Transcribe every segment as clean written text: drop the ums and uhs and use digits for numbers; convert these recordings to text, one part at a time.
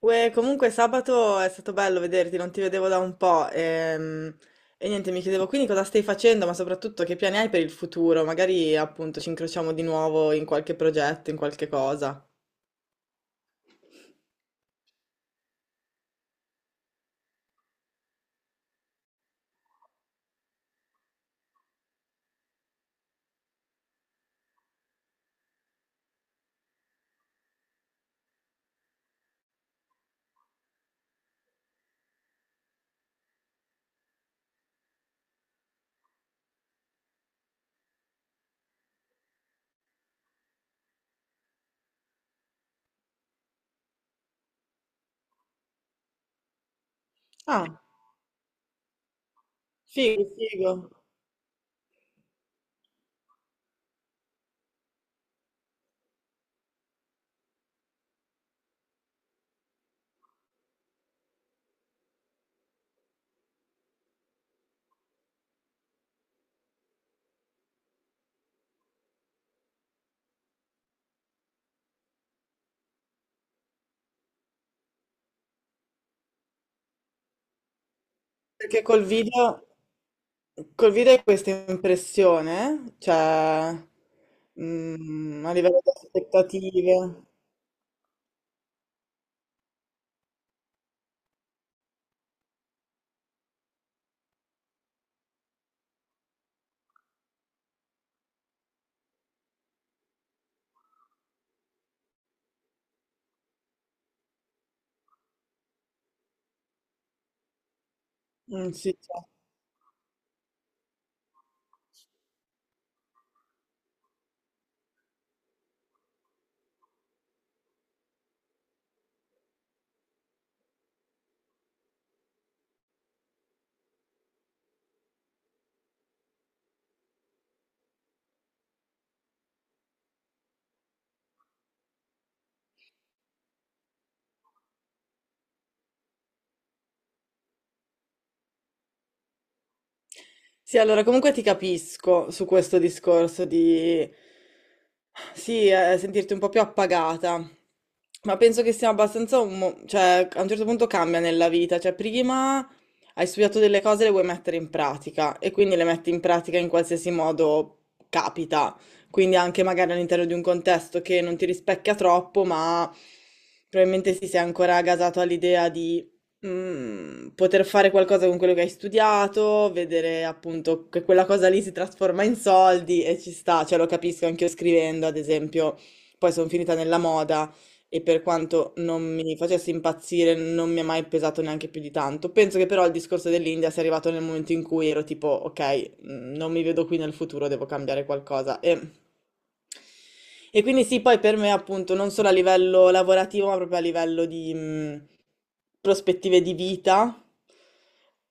Uè, comunque sabato è stato bello vederti, non ti vedevo da un po'. E, niente, mi chiedevo quindi cosa stai facendo, ma soprattutto che piani hai per il futuro? Magari appunto ci incrociamo di nuovo in qualche progetto, in qualche cosa. Ah, figo, figo. Perché col video hai questa impressione, cioè mm, a livello di aspettative. Mm, sì, certo. Sì, allora comunque ti capisco su questo discorso di sì, sentirti un po' più appagata, ma penso che sia abbastanza un cioè a un certo punto cambia nella vita, cioè prima hai studiato delle cose e le vuoi mettere in pratica e quindi le metti in pratica in qualsiasi modo capita, quindi anche magari all'interno di un contesto che non ti rispecchia troppo, ma probabilmente sì, sei ancora gasato all'idea di mm, poter fare qualcosa con quello che hai studiato, vedere appunto che quella cosa lì si trasforma in soldi e ci sta, cioè lo capisco anche io scrivendo, ad esempio, poi sono finita nella moda e per quanto non mi facesse impazzire non mi ha mai pesato neanche più di tanto. Penso che però il discorso dell'India sia arrivato nel momento in cui ero tipo, ok, mm, non mi vedo qui nel futuro, devo cambiare qualcosa. E... e quindi sì, poi per me appunto non solo a livello lavorativo, ma proprio a livello di, prospettive di vita,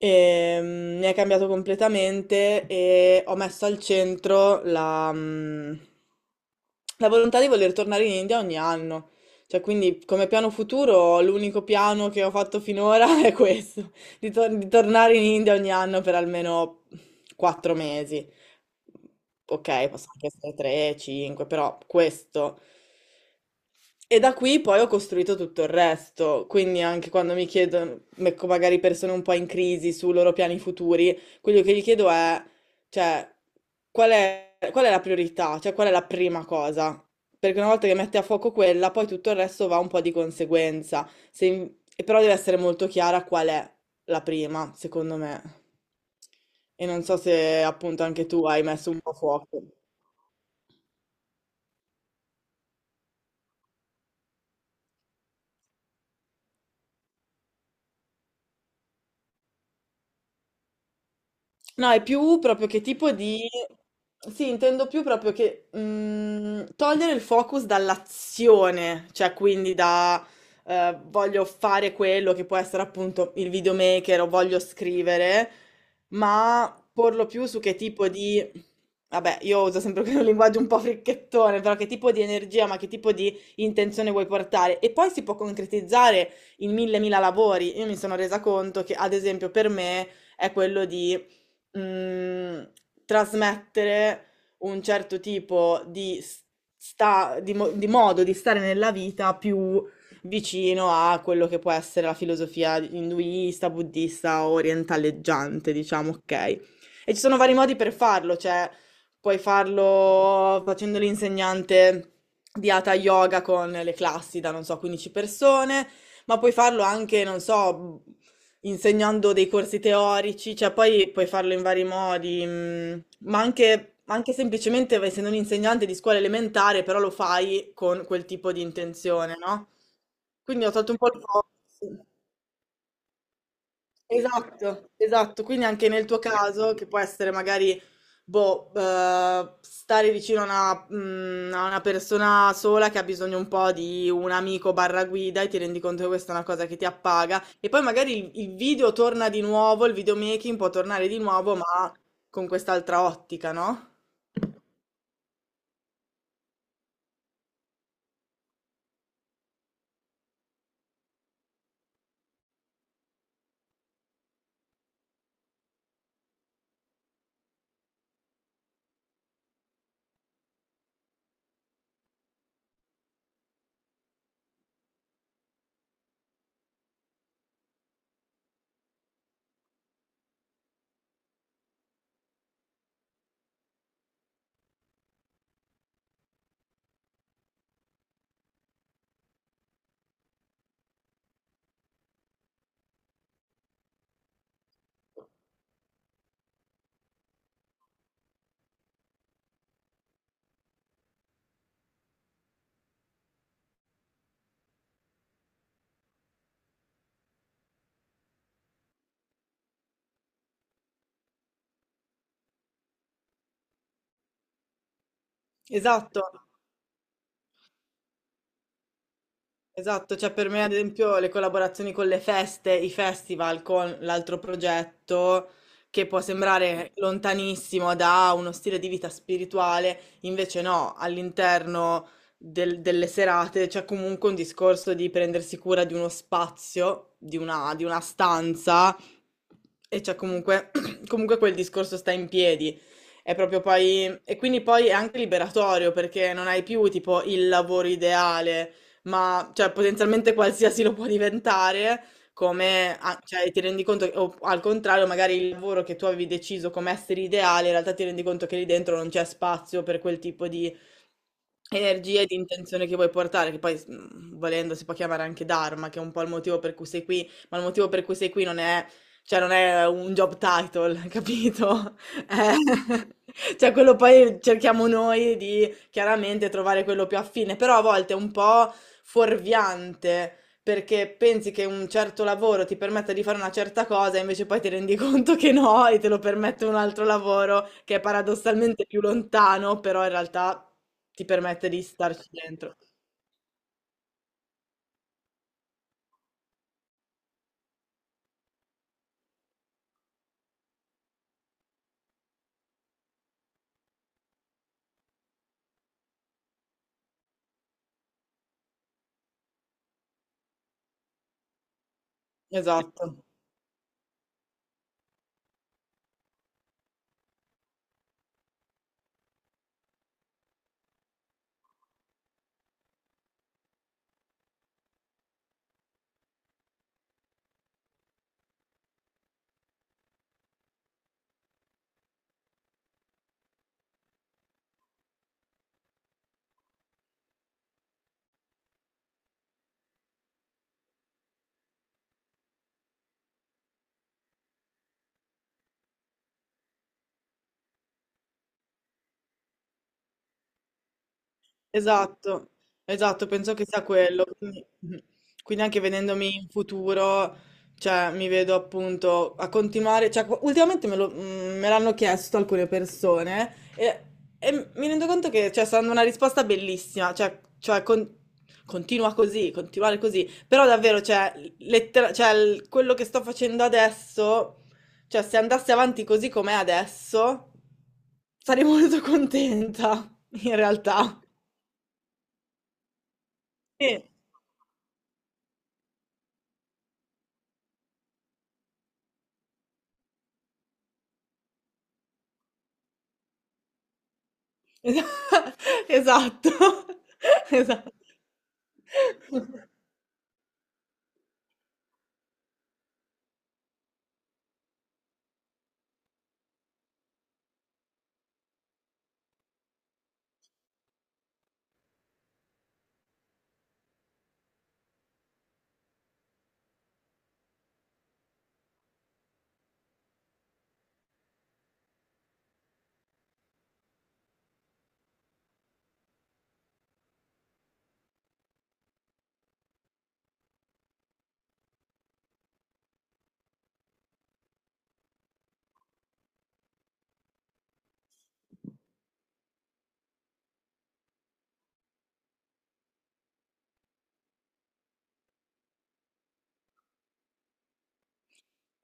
mi ha cambiato completamente e ho messo al centro la, mm, la volontà di voler tornare in India ogni anno. Cioè, quindi come piano futuro, l'unico piano che ho fatto finora è questo, di, di tornare in India ogni anno per almeno 4 mesi. Ok, possono anche essere tre, cinque, però questo. E da qui poi ho costruito tutto il resto, quindi anche quando mi chiedono, ecco, magari persone un po' in crisi sui loro piani futuri, quello che gli chiedo è, cioè, qual è la priorità, cioè qual è la prima cosa? Perché una volta che metti a fuoco quella, poi tutto il resto va un po' di conseguenza. Se in- e però deve essere molto chiara qual è la prima, secondo me. E non so se appunto anche tu hai messo un po' a fuoco. No, è più proprio che tipo di... Sì, intendo più proprio che mm, togliere il focus dall'azione, cioè quindi da voglio fare quello che può essere appunto il videomaker o voglio scrivere, ma porlo più su che tipo di... Vabbè, io uso sempre quel linguaggio un po' fricchettone, però che tipo di energia, ma che tipo di intenzione vuoi portare? E poi si può concretizzare in mille mila lavori. Io mi sono resa conto che, ad esempio, per me è quello di mh, trasmettere un certo tipo di, di modo di stare nella vita più vicino a quello che può essere la filosofia induista, buddista, orientaleggiante, diciamo, ok? E ci sono vari modi per farlo, cioè puoi farlo facendo l'insegnante di Hatha Yoga con le classi da, non so, 15 persone, ma puoi farlo anche, non so, insegnando dei corsi teorici, cioè poi puoi farlo in vari modi, mm, ma anche semplicemente essendo un insegnante di scuola elementare, però lo fai con quel tipo di intenzione, no? Quindi ho tolto un po' il focus. Esatto, esatto. Quindi anche nel tuo caso, che può essere magari, boh, stare vicino a una, mm, a una persona sola che ha bisogno un po' di un amico barra guida e ti rendi conto che questa è una cosa che ti appaga. E poi magari il video torna di nuovo, il videomaking può tornare di nuovo, ma con quest'altra ottica, no? Esatto. Esatto, cioè per me ad esempio le collaborazioni con le feste, i festival con l'altro progetto che può sembrare lontanissimo da uno stile di vita spirituale, invece no, all'interno delle serate c'è comunque un discorso di prendersi cura di uno spazio, di una stanza e c'è comunque, comunque quel discorso sta in piedi. È proprio poi, e quindi poi è anche liberatorio perché non hai più tipo il lavoro ideale ma cioè, potenzialmente qualsiasi lo può diventare, come cioè, ti rendi conto, o al contrario, magari il lavoro che tu avevi deciso come essere ideale, in realtà ti rendi conto che lì dentro non c'è spazio per quel tipo di energia e di intenzione che vuoi portare, che poi mm, volendo si può chiamare anche Dharma, che è un po' il motivo per cui sei qui, ma il motivo per cui sei qui non è, cioè, non è un job title, capito? Eh, cioè, quello poi cerchiamo noi di chiaramente trovare quello più affine, però a volte un po' fuorviante perché pensi che un certo lavoro ti permetta di fare una certa cosa, invece poi ti rendi conto che no e te lo permette un altro lavoro che è paradossalmente più lontano, però in realtà ti permette di starci dentro. Esatto. Esatto, esatto, penso che sia quello. Quindi, mhm. Quindi anche vedendomi in futuro, cioè, mi vedo appunto a continuare. Cioè, ultimamente mm, me l'hanno chiesto alcune persone e mi rendo conto che cioè, sta dando una risposta bellissima. Cioè, cioè, continua così, continuare così. Però davvero, cioè, quello che sto facendo adesso, cioè, se andassi avanti così com'è adesso, sarei molto contenta, in realtà. Sì. Esa esatto, esatto.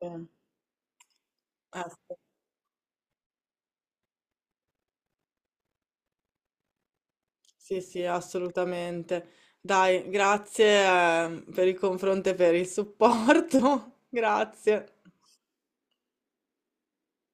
Sì, assu sì, sì, assolutamente. Dai, grazie per il confronto e per il supporto. Grazie.